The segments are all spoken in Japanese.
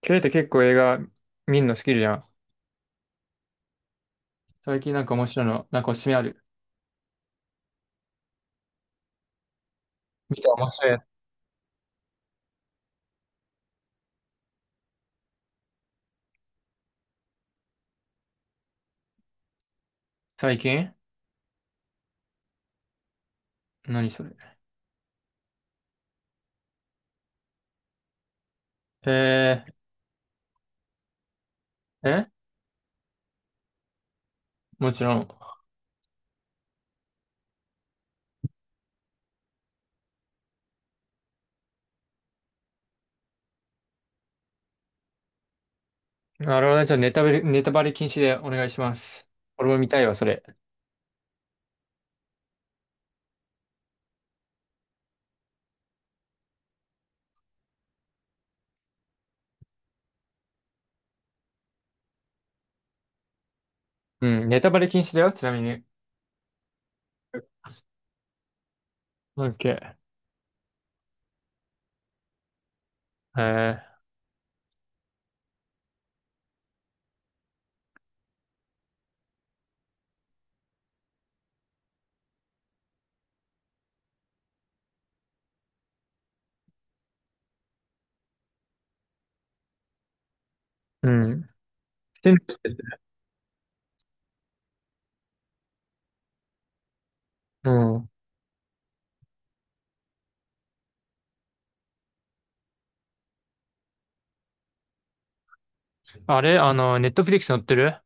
ケイって結構映画見るの好きじゃん。最近なんか面白いの、なんかおすすめある？見た面白いやつ。最近何それ。えー、えもちろん。なるほどね。じゃあネタバレ、ネタバレ禁止でお願いします。俺も見たいわ、それ。うん、ネタバレ禁止だよ、ちなみに。オッケー。えうん。してるしてる。うん。あれあの、ネットフリックス載ってる？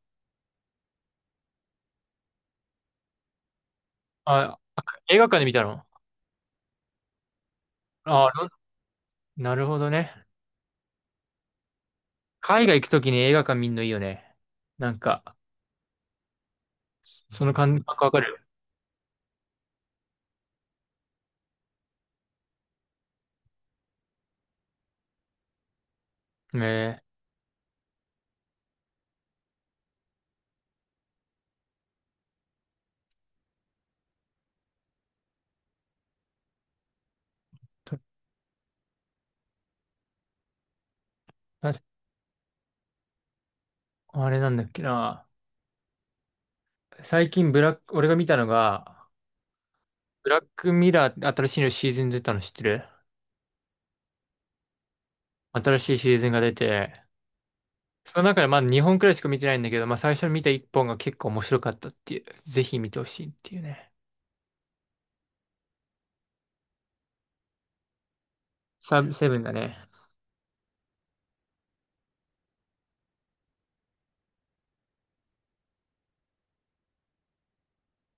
あ、映画館で見たの？ああ、なるほどね。海外行くときに映画館見んのいいよね。なんか、その感覚わかるよ。ねえ。ああれなんだっけな。最近ブラック、俺が見たのが、ブラックミラー、新しいのシーズン出たの知ってる？新しいシーズンが出て、その中でまだ2本くらいしか見てないんだけど、まあ最初に見た1本が結構面白かったっていう、ぜひ見てほしいっていうね。サブセブンだね。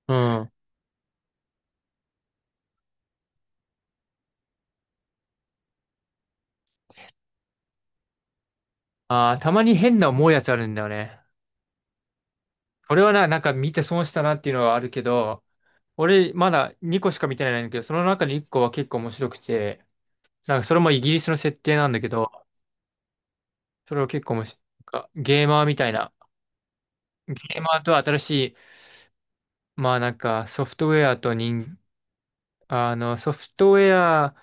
うん。ああ、たまに変な思うやつあるんだよね。俺はな、なんか見て損したなっていうのはあるけど、俺まだ2個しか見てないんだけど、その中に1個は結構面白くて、なんかそれもイギリスの設定なんだけど、それを結構面白い。なんかゲーマーみたいな。ゲーマーと新しい、まあなんかソフトウェアと人、あの、ソフトウェア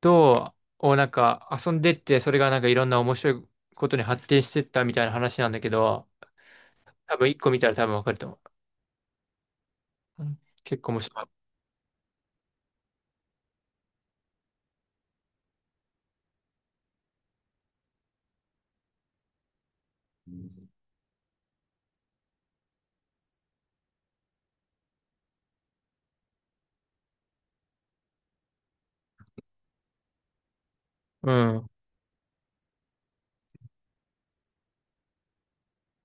と、をなんか遊んでって、それがなんかいろんな面白いことに発展してったみたいな話なんだけど、多分一個見たら多分わかると思う。うん、結構面白い。うん。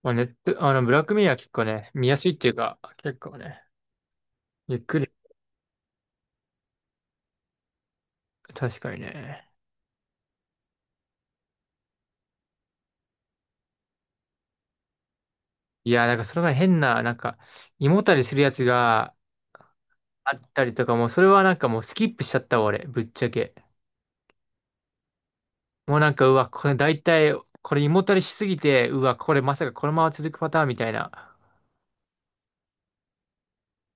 まあ、ネット、あの、ブラックミラー結構ね、見やすいっていうか、結構ね、ゆっくり、確かにね。いや、なんかそれが変な、なんか、胃もたれするやつが、あったりとかも、それはなんかもうスキップしちゃったわ、俺、ぶっちゃけ。もうなんか、うわ、これ大体、これ胃もたれしすぎて、うわ、これまさかこのまま続くパターンみたいな。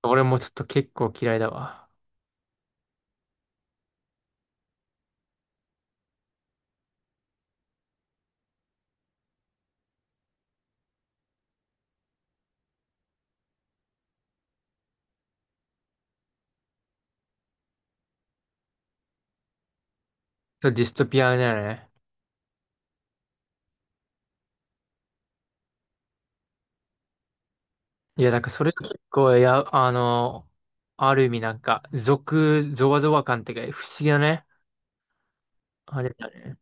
俺もちょっと結構嫌いだわ。ちょっとディストピアだよね。いや、なんかそれが結構、いや、あの、ある意味なんか、俗、ゾワゾワ感っていうか、不思議だね。あれだね。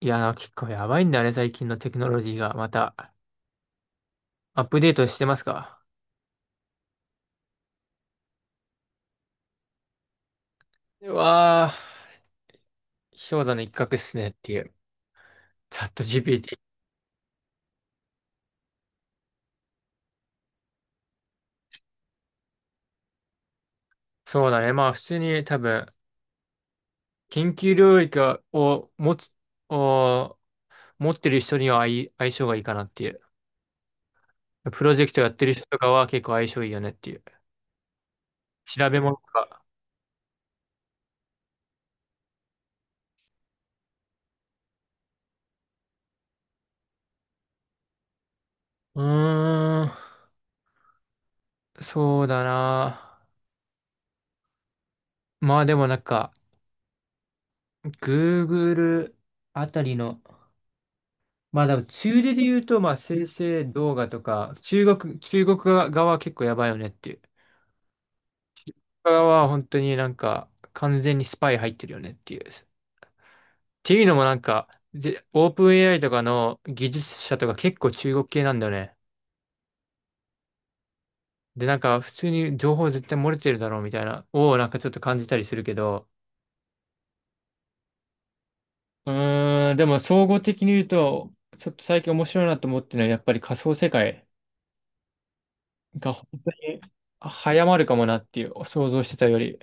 いや、なんか結構やばいんだね、最近のテクノロジーが。また、アップデートしてますか？うわー、氷山の一角っすねっていう。チャット GPT。そうだね。まあ普通に多分、研究領域を持つ、を持ってる人には相、相性がいいかなっていう。プロジェクトやってる人とかは結構相性いいよねっていう。調べ物とか。うーん、そうだな。まあでもなんか、Google あたりの、まあでも中でで言うと、まあ生成動画とか、中国、中国側は結構やばいよねっていう。中国側は本当になんか、完全にスパイ入ってるよねっていう。ていうのもなんか、で、オープン AI とかの技術者とか結構中国系なんだよね。で、なんか普通に情報絶対漏れてるだろうみたいな、をなんかちょっと感じたりするけど、でも総合的に言うと、ちょっと最近面白いなと思ってるのは、やっぱり仮想世界が本当に早まるかもなっていう、想像してたより、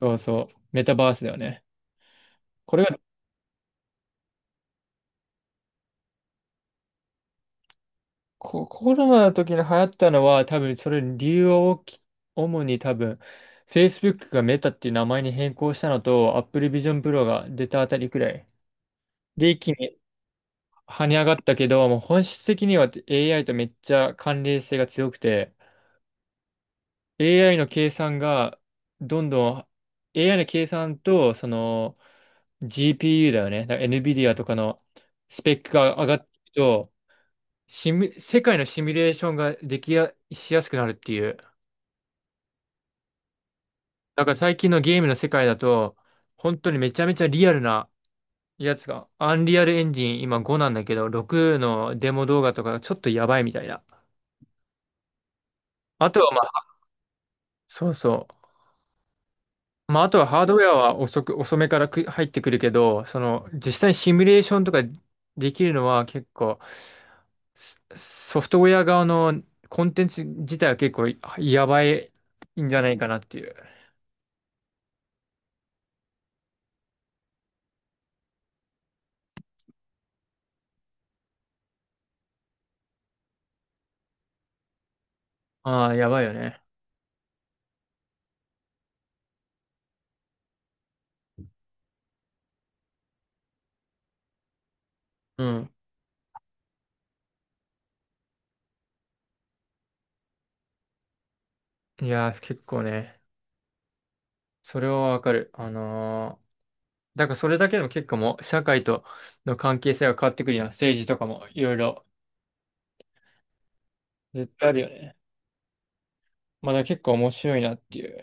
そうそう、メタバースだよね。これがコロナの時に流行ったのは多分それ理由は大き、主に多分 Facebook がメタっていう名前に変更したのと Apple Vision Pro が出たあたりくらい。で、一気に跳ね上がったけど、もう本質的には AI とめっちゃ関連性が強くて、 AI の計算がどんどん、 AI の計算とその GPU だよね。だから NVIDIA とかのスペックが上がっていくと、シミュ世界のシミュレーションができや、しやすくなるっていう。だから最近のゲームの世界だと、本当にめちゃめちゃリアルなやつが、アンリアルエンジン今5なんだけど、6のデモ動画とかがちょっとやばいみたいな。あとはまあ、そうそう。まああとはハードウェアは遅く、遅めからく入ってくるけど、その実際にシミュレーションとかできるのは結構、ソフトウェア側のコンテンツ自体は結構やばいんじゃないかなっていう。ああ、やばいよね。うん。いやー、結構ね、それはわかる。あのー、だからそれだけでも結構もう社会との関係性が変わってくるやん。政治とかもいろいろ絶対あるよね。まあだから結構面白いなっていう。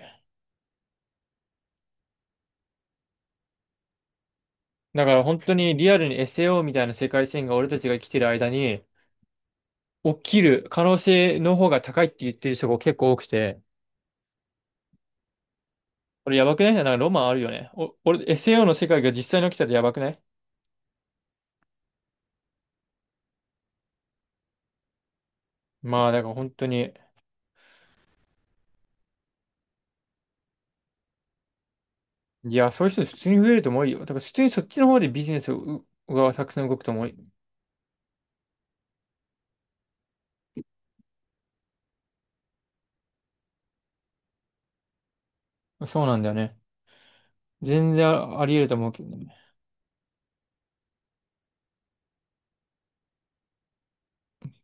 だから本当にリアルに SAO みたいな世界線が俺たちが生きてる間に起きる可能性の方が高いって言ってる人が結構多くて、これやばくない？なんかロマンあるよね。お、俺、 SAO の世界が実際に起きたらやばくない？まあだから本当に、いや、そういう人普通に増えると思うよ。だから普通にそっちの方でビジネスがたくさん動くと思う。そうなんだよね。全然あり得ると思うけどね。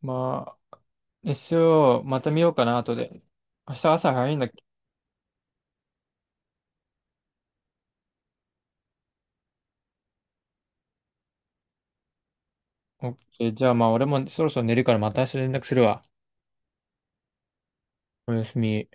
まあ、SO また見ようかな、後で。明日朝早いんだっけ？OK。じゃあまあ、俺もそろそろ寝るからまた明日連絡するわ。おやすみ。